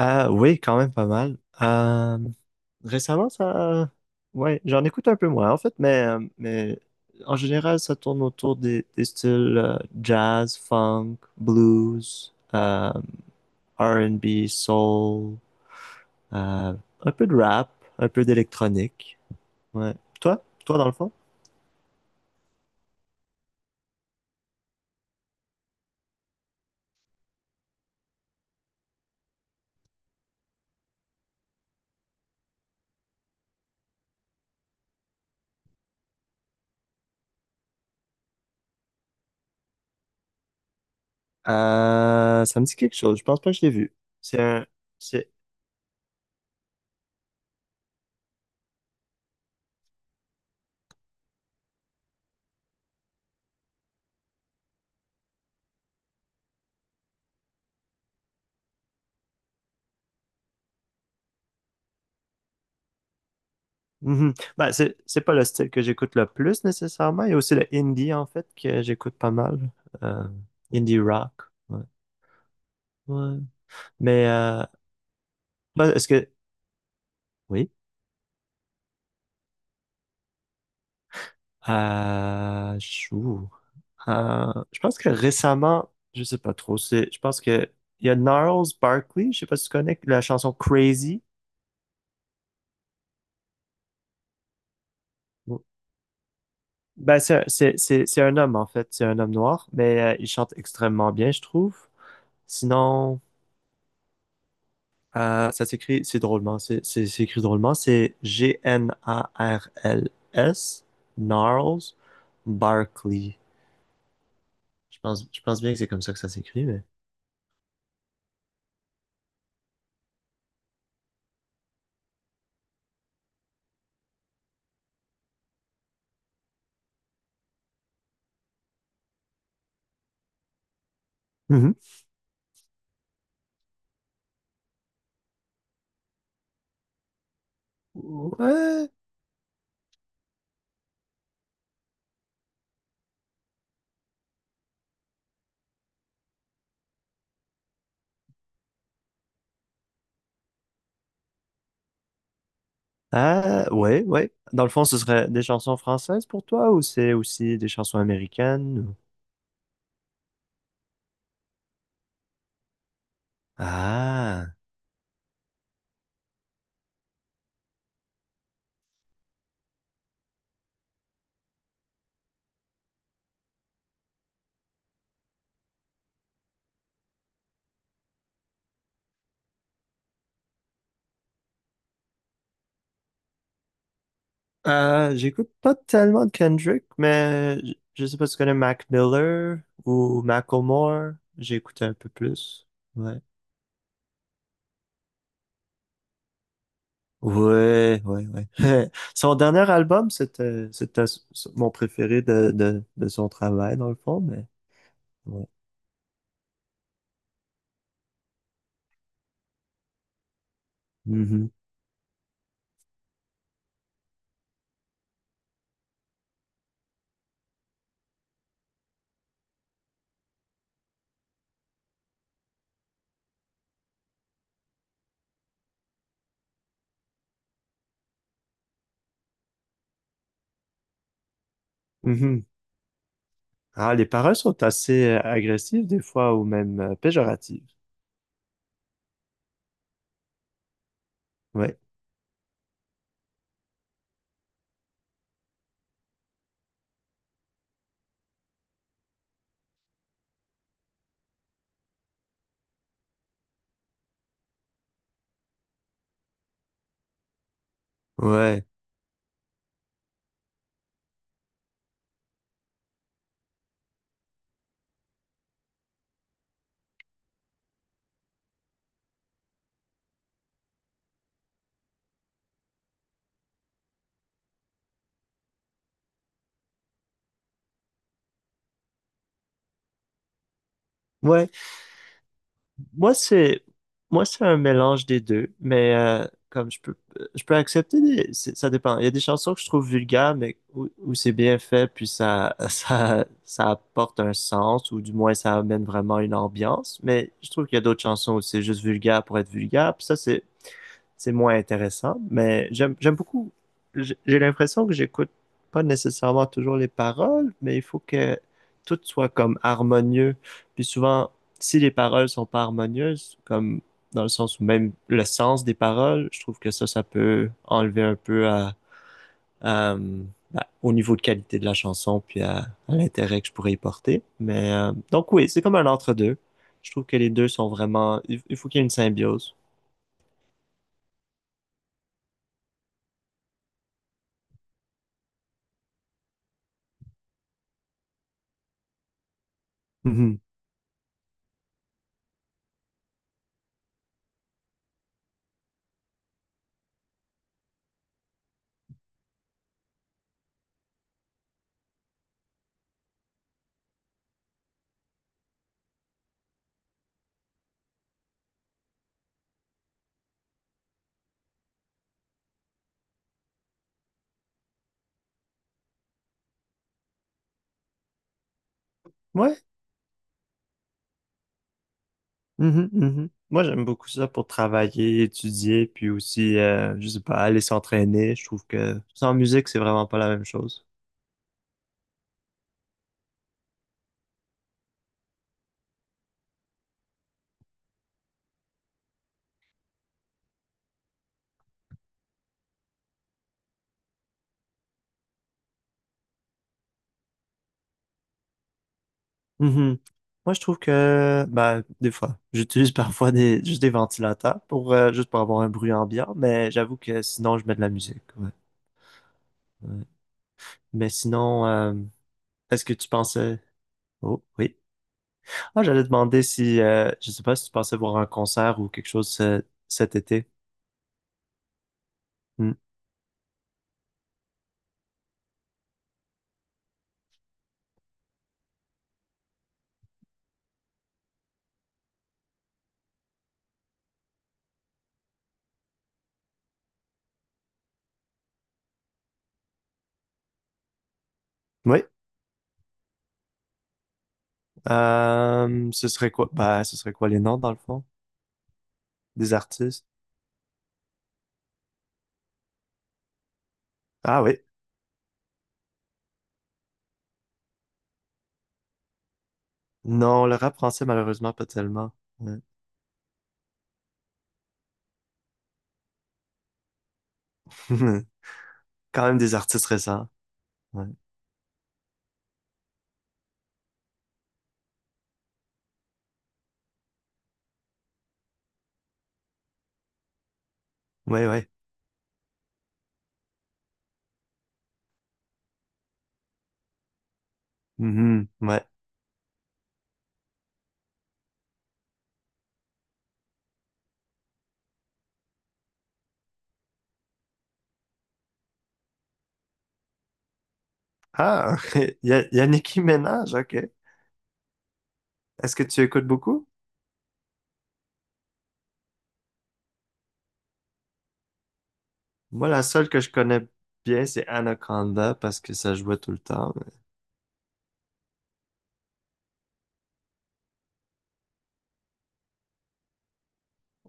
Oui, quand même pas mal. Récemment, j'en écoute un peu moins en fait, mais en général, ça tourne autour des styles jazz, funk, blues, R&B, soul, euh, un peu de rap, un peu d'électronique. Ouais. Toi dans le fond? Ça me dit quelque chose. Je pense pas que je l'ai vu. C'est un, c'est Mhm. C'est pas le style que j'écoute le plus nécessairement. Il y a aussi le indie en fait que j'écoute pas mal. Euh, Indie rock. Ouais. Ouais. Mais ben, est-ce que. Oui. Je ouh. Je pense que récemment, je sais pas trop, je pense que il y a Gnarls Barkley, je sais pas si tu connais la chanson Crazy. C'est un homme en fait, c'est un homme noir, mais il chante extrêmement bien, je trouve. Sinon. Ça s'écrit, c'est drôlement, c'est écrit drôlement, c'est G-N-A-R-L-S, Gnarls Barkley. Je pense bien que c'est comme ça que ça s'écrit, mais. Mhm. Ouais. Ouais. Dans le fond, ce serait des chansons françaises pour toi ou c'est aussi des chansons américaines? Ou. Ah. J'écoute pas tellement de Kendrick, mais je sais pas si tu connais Mac Miller ou Macklemore. J'écoute un peu plus. Ouais. Ouais, ouais, ouais. Son dernier album, c'était mon préféré de son travail, dans le fond, mais ouais. Mhm. Mhm. Ah, les paroles sont assez agressives des fois, ou même péjoratives. Ouais, ouais, ouais. Moi, c'est moi, c'est un mélange des deux, comme je peux accepter ça dépend. Il y a des chansons que je trouve vulgaires, mais où, où c'est bien fait, puis ça, ça apporte un sens, ou du moins ça amène vraiment une ambiance. Mais je trouve qu'il y a d'autres chansons où c'est juste vulgaire pour être vulgaire. Puis ça, c'est moins intéressant, mais j'aime beaucoup. J'ai l'impression que j'écoute pas nécessairement toujours les paroles, mais il faut que tout soit comme harmonieux. Puis souvent, si les paroles sont pas harmonieuses, comme dans le sens où même le sens des paroles, je trouve que ça peut enlever un peu à, bah, au niveau de qualité de la chanson, puis à l'intérêt que je pourrais y porter. Donc oui, c'est comme un entre-deux. Je trouve que les deux sont vraiment… Il faut qu'il y ait une symbiose. Mhm. Ouais. Mhm. Moi, j'aime beaucoup ça pour travailler, étudier, puis aussi, je sais pas, aller s'entraîner. Je trouve que sans musique, c'est vraiment pas la même chose. Mhm. Moi, je trouve que, bah, des fois, j'utilise parfois juste des ventilateurs pour, juste pour avoir un bruit ambiant, mais j'avoue que sinon, je mets de la musique. Ouais, ouais. Mais sinon, est-ce que tu pensais… Oh, oui. Ah, j'allais demander si, je sais pas si tu pensais voir un concert ou quelque chose cet été. Mm. Oui. Ce serait quoi? Bah, ce serait quoi les noms, dans le fond? Des artistes? Ah oui. Non, le rap français, malheureusement, pas tellement. Ouais. Quand même des artistes récents. Ouais, ouais. Ouais. Mhm, ouais. Ah, il y a Nicki Minaj, ok. Est-ce que tu écoutes beaucoup? Moi, la seule que je connais bien, c'est Anaconda, parce que ça jouait tout le temps, mais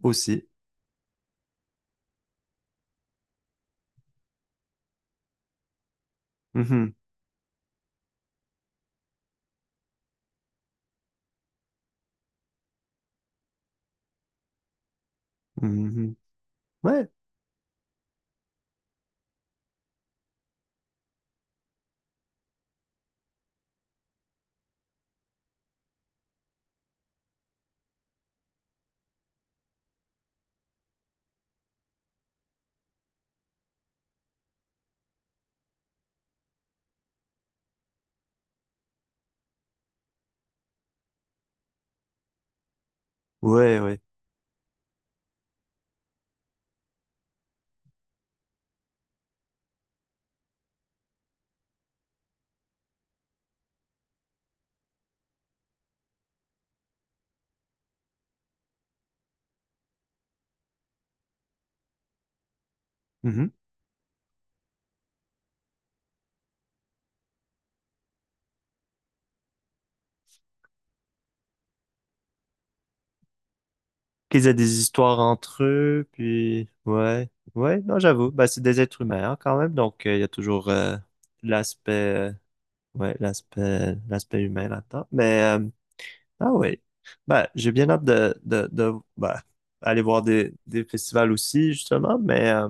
aussi. Mhm, mhm. Ouais, ouais. Mhm. Qu'ils aient des histoires entre eux, puis ouais, ouais, non, j'avoue, bah, c'est des êtres humains hein, quand même, donc il y a toujours l'aspect, euh, l'aspect humain là-dedans. Ah ouais, bah, j'ai bien hâte de bah, aller voir des festivals aussi justement, mais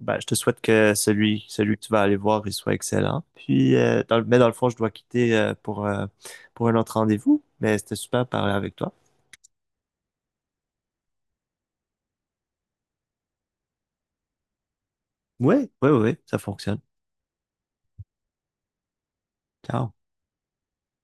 bah, je te souhaite que celui que tu vas aller voir, il soit excellent. Mais dans le fond, je dois quitter pour pour un autre rendez-vous, mais c'était super de parler avec toi. Ouais, ça fonctionne. Ciao.